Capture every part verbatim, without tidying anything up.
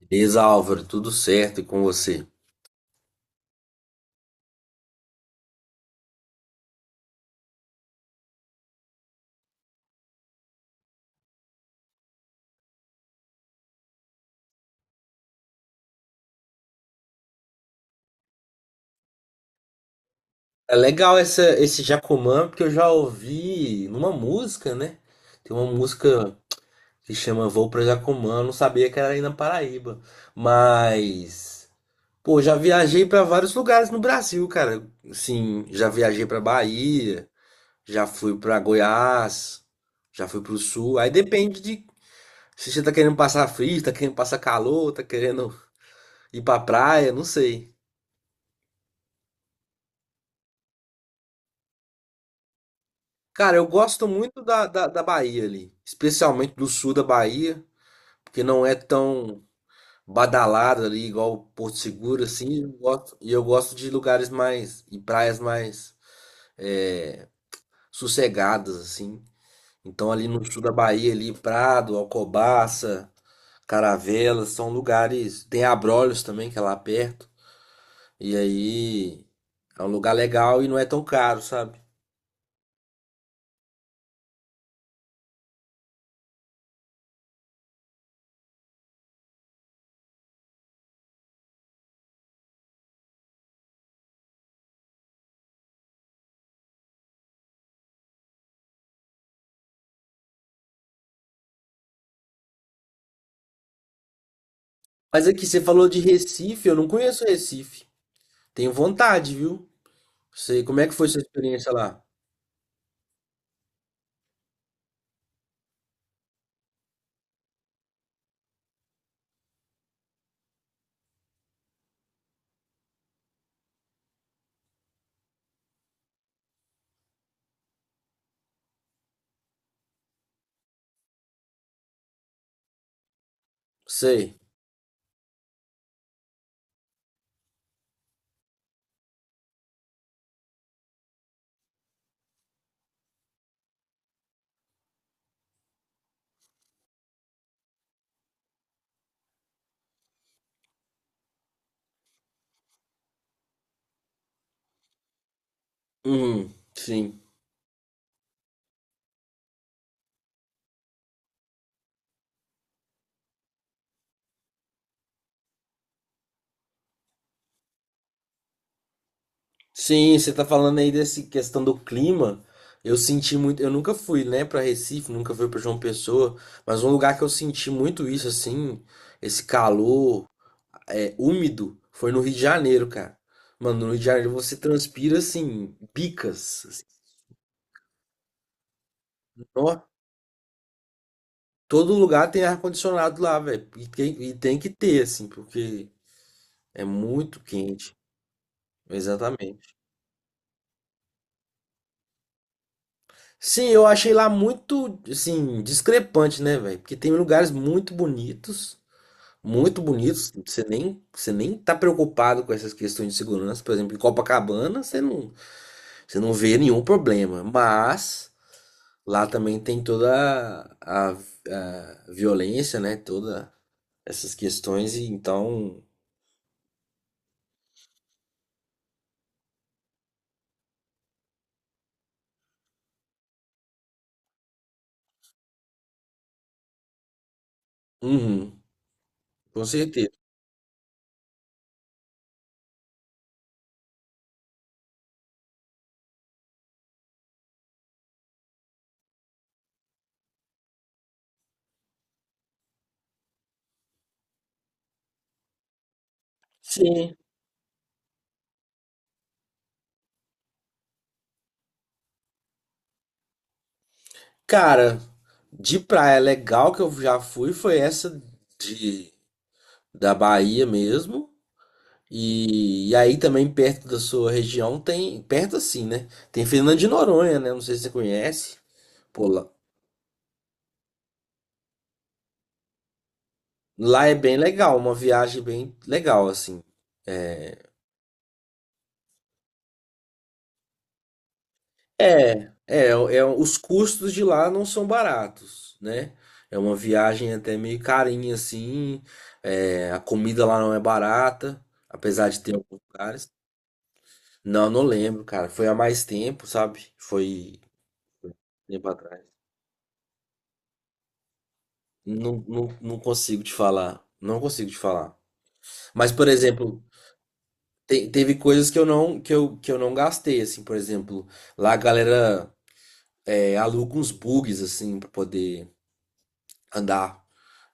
Beleza, Álvaro, tudo certo e com você? É legal essa, esse Jacomã, porque eu já ouvi numa música, né? Tem uma música que chama Vou pra Jacomã, eu não sabia que era aí na Paraíba. Mas, pô, já viajei pra vários lugares no Brasil, cara. Assim, já viajei pra Bahia, já fui pra Goiás, já fui pro Sul. Aí depende de se você tá querendo passar frio, tá querendo passar calor, tá querendo ir pra praia, não sei. Cara, eu gosto muito da, da, da Bahia ali, especialmente do sul da Bahia, porque não é tão badalado ali, igual Porto Seguro, assim. Eu gosto- e eu gosto de lugares mais, e praias mais é, sossegadas, assim. Então, ali no sul da Bahia, ali, Prado, Alcobaça, Caravelas, são lugares. Tem Abrolhos também, que é lá perto. E aí, é um lugar legal e não é tão caro, sabe? Mas aqui, você falou de Recife, eu não conheço Recife. Tenho vontade, viu? Sei. Como é que foi sua experiência lá? Sei. Uhum, sim. Sim, você tá falando aí dessa questão do clima. Eu senti muito. Eu nunca fui, né, pra Recife, nunca fui pra João Pessoa, mas um lugar que eu senti muito isso, assim, esse calor é, úmido, foi no Rio de Janeiro, cara. Mano, no Rio de Janeiro você transpira, assim, bicas. Assim, ó. Todo lugar tem ar-condicionado lá, velho. E tem, e tem que ter, assim, porque é muito quente. Exatamente. Sim, eu achei lá muito, assim, discrepante, né, velho? Porque tem lugares muito bonitos, muito bonitos. Você nem, você nem tá preocupado com essas questões de segurança. Por exemplo, em Copacabana, você não, você não vê nenhum problema. Mas lá também tem toda a, a violência, né? Toda essas questões. E então, uhum, com certeza. Sim. Cara, de praia legal que eu já fui foi essa de da Bahia mesmo. E, e aí também perto da sua região tem, perto assim, né? Tem Fernando de Noronha, né? Não sei se você conhece. Pô, lá, lá é bem legal, uma viagem bem legal, assim. É, é, é, é, os custos de lá não são baratos, né? É uma viagem até meio carinha, assim. É, a comida lá não é barata, apesar de ter alguns lugares. Não, não lembro, cara. Foi há mais tempo, sabe? Foi um tempo atrás. Não, não, não consigo te falar. Não consigo te falar. Mas, por exemplo, te- teve coisas que eu não que eu, que eu não gastei, assim, por exemplo, lá a galera é, aluga uns bugs assim pra poder andar.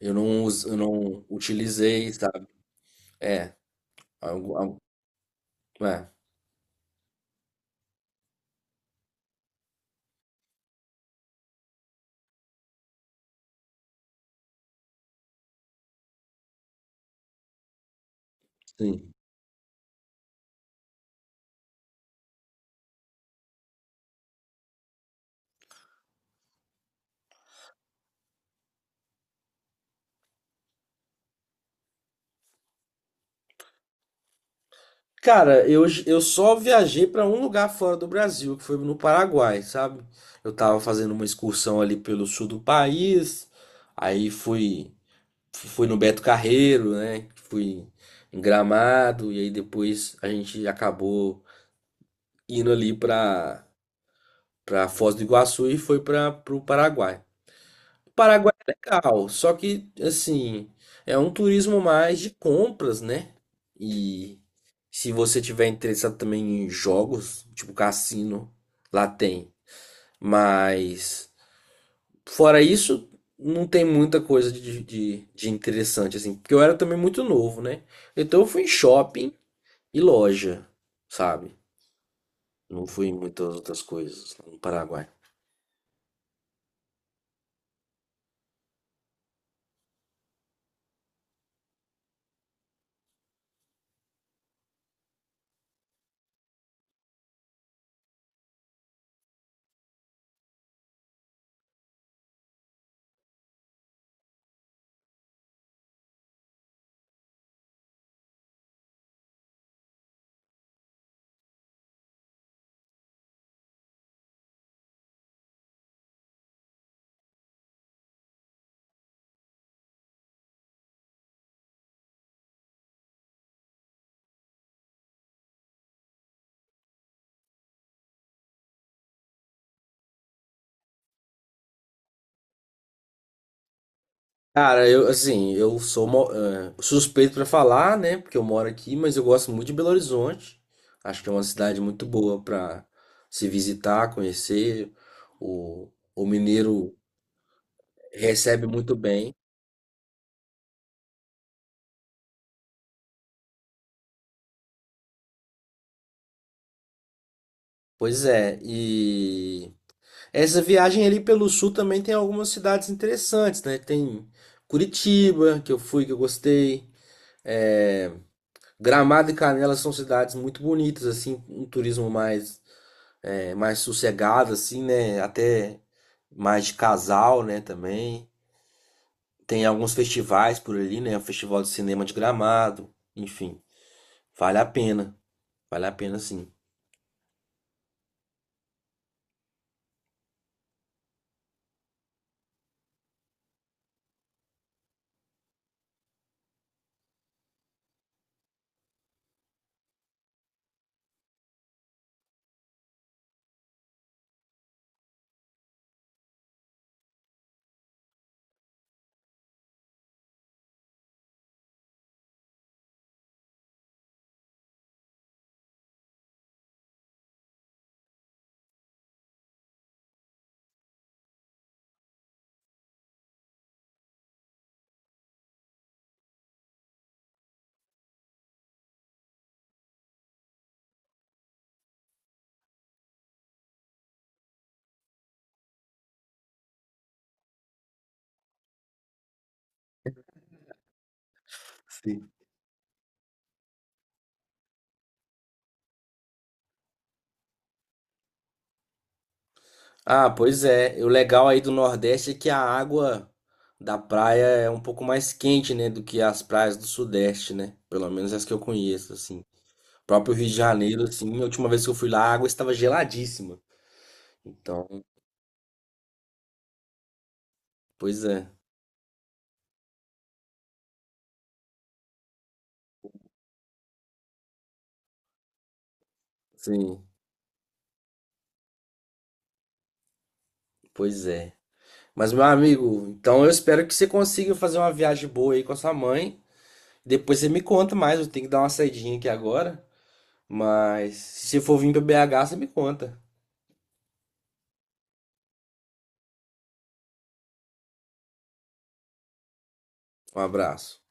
Eu não us- eu não utilizei, sabe? É, algo- algo- é, sim. Cara, eu, j- eu só viajei pra um lugar fora do Brasil, que foi no Paraguai, sabe? Eu tava fazendo uma excursão ali pelo sul do país, aí fui fui no Beto Carreiro, né? Fui em Gramado e aí depois a gente acabou indo ali para para Foz do Iguaçu e foi para o Paraguai. O Paraguai é legal, só que assim, é um turismo mais de compras, né? E se você tiver interessado também em jogos, tipo cassino, lá tem. Mas fora isso, não tem muita coisa de, de, de interessante, assim. Porque eu era também muito novo, né? Então eu fui em shopping e loja, sabe? Não fui em muitas outras coisas no Paraguai. Cara, eu, assim, eu sou mo- eh, suspeito pra falar, né? Porque eu moro aqui, mas eu gosto muito de Belo Horizonte. Acho que é uma cidade muito boa pra se visitar, conhecer. O, o mineiro recebe muito bem. Pois é, e Essa viagem ali pelo sul também tem algumas cidades interessantes, né? Tem Curitiba, que eu fui, que eu gostei. É, Gramado e Canela são cidades muito bonitas, assim, um turismo mais, é, mais sossegado, assim, né? Até mais de casal, né? Também tem alguns festivais por ali, né? O Festival de Cinema de Gramado, enfim, vale a pena, vale a pena sim. Ah, pois é. E o legal aí do Nordeste é que a água da praia é um pouco mais quente, né, do que as praias do Sudeste, né? Pelo menos as que eu conheço, assim. O próprio Rio de Janeiro, assim, a última vez que eu fui lá, a água estava geladíssima. Então, pois é. Sim, pois é. Mas, meu amigo, então eu espero que você consiga fazer uma viagem boa aí com a sua mãe. Depois você me conta mais, eu tenho que dar uma saidinha aqui agora. Mas se você for vir para B H, você me conta. Um abraço.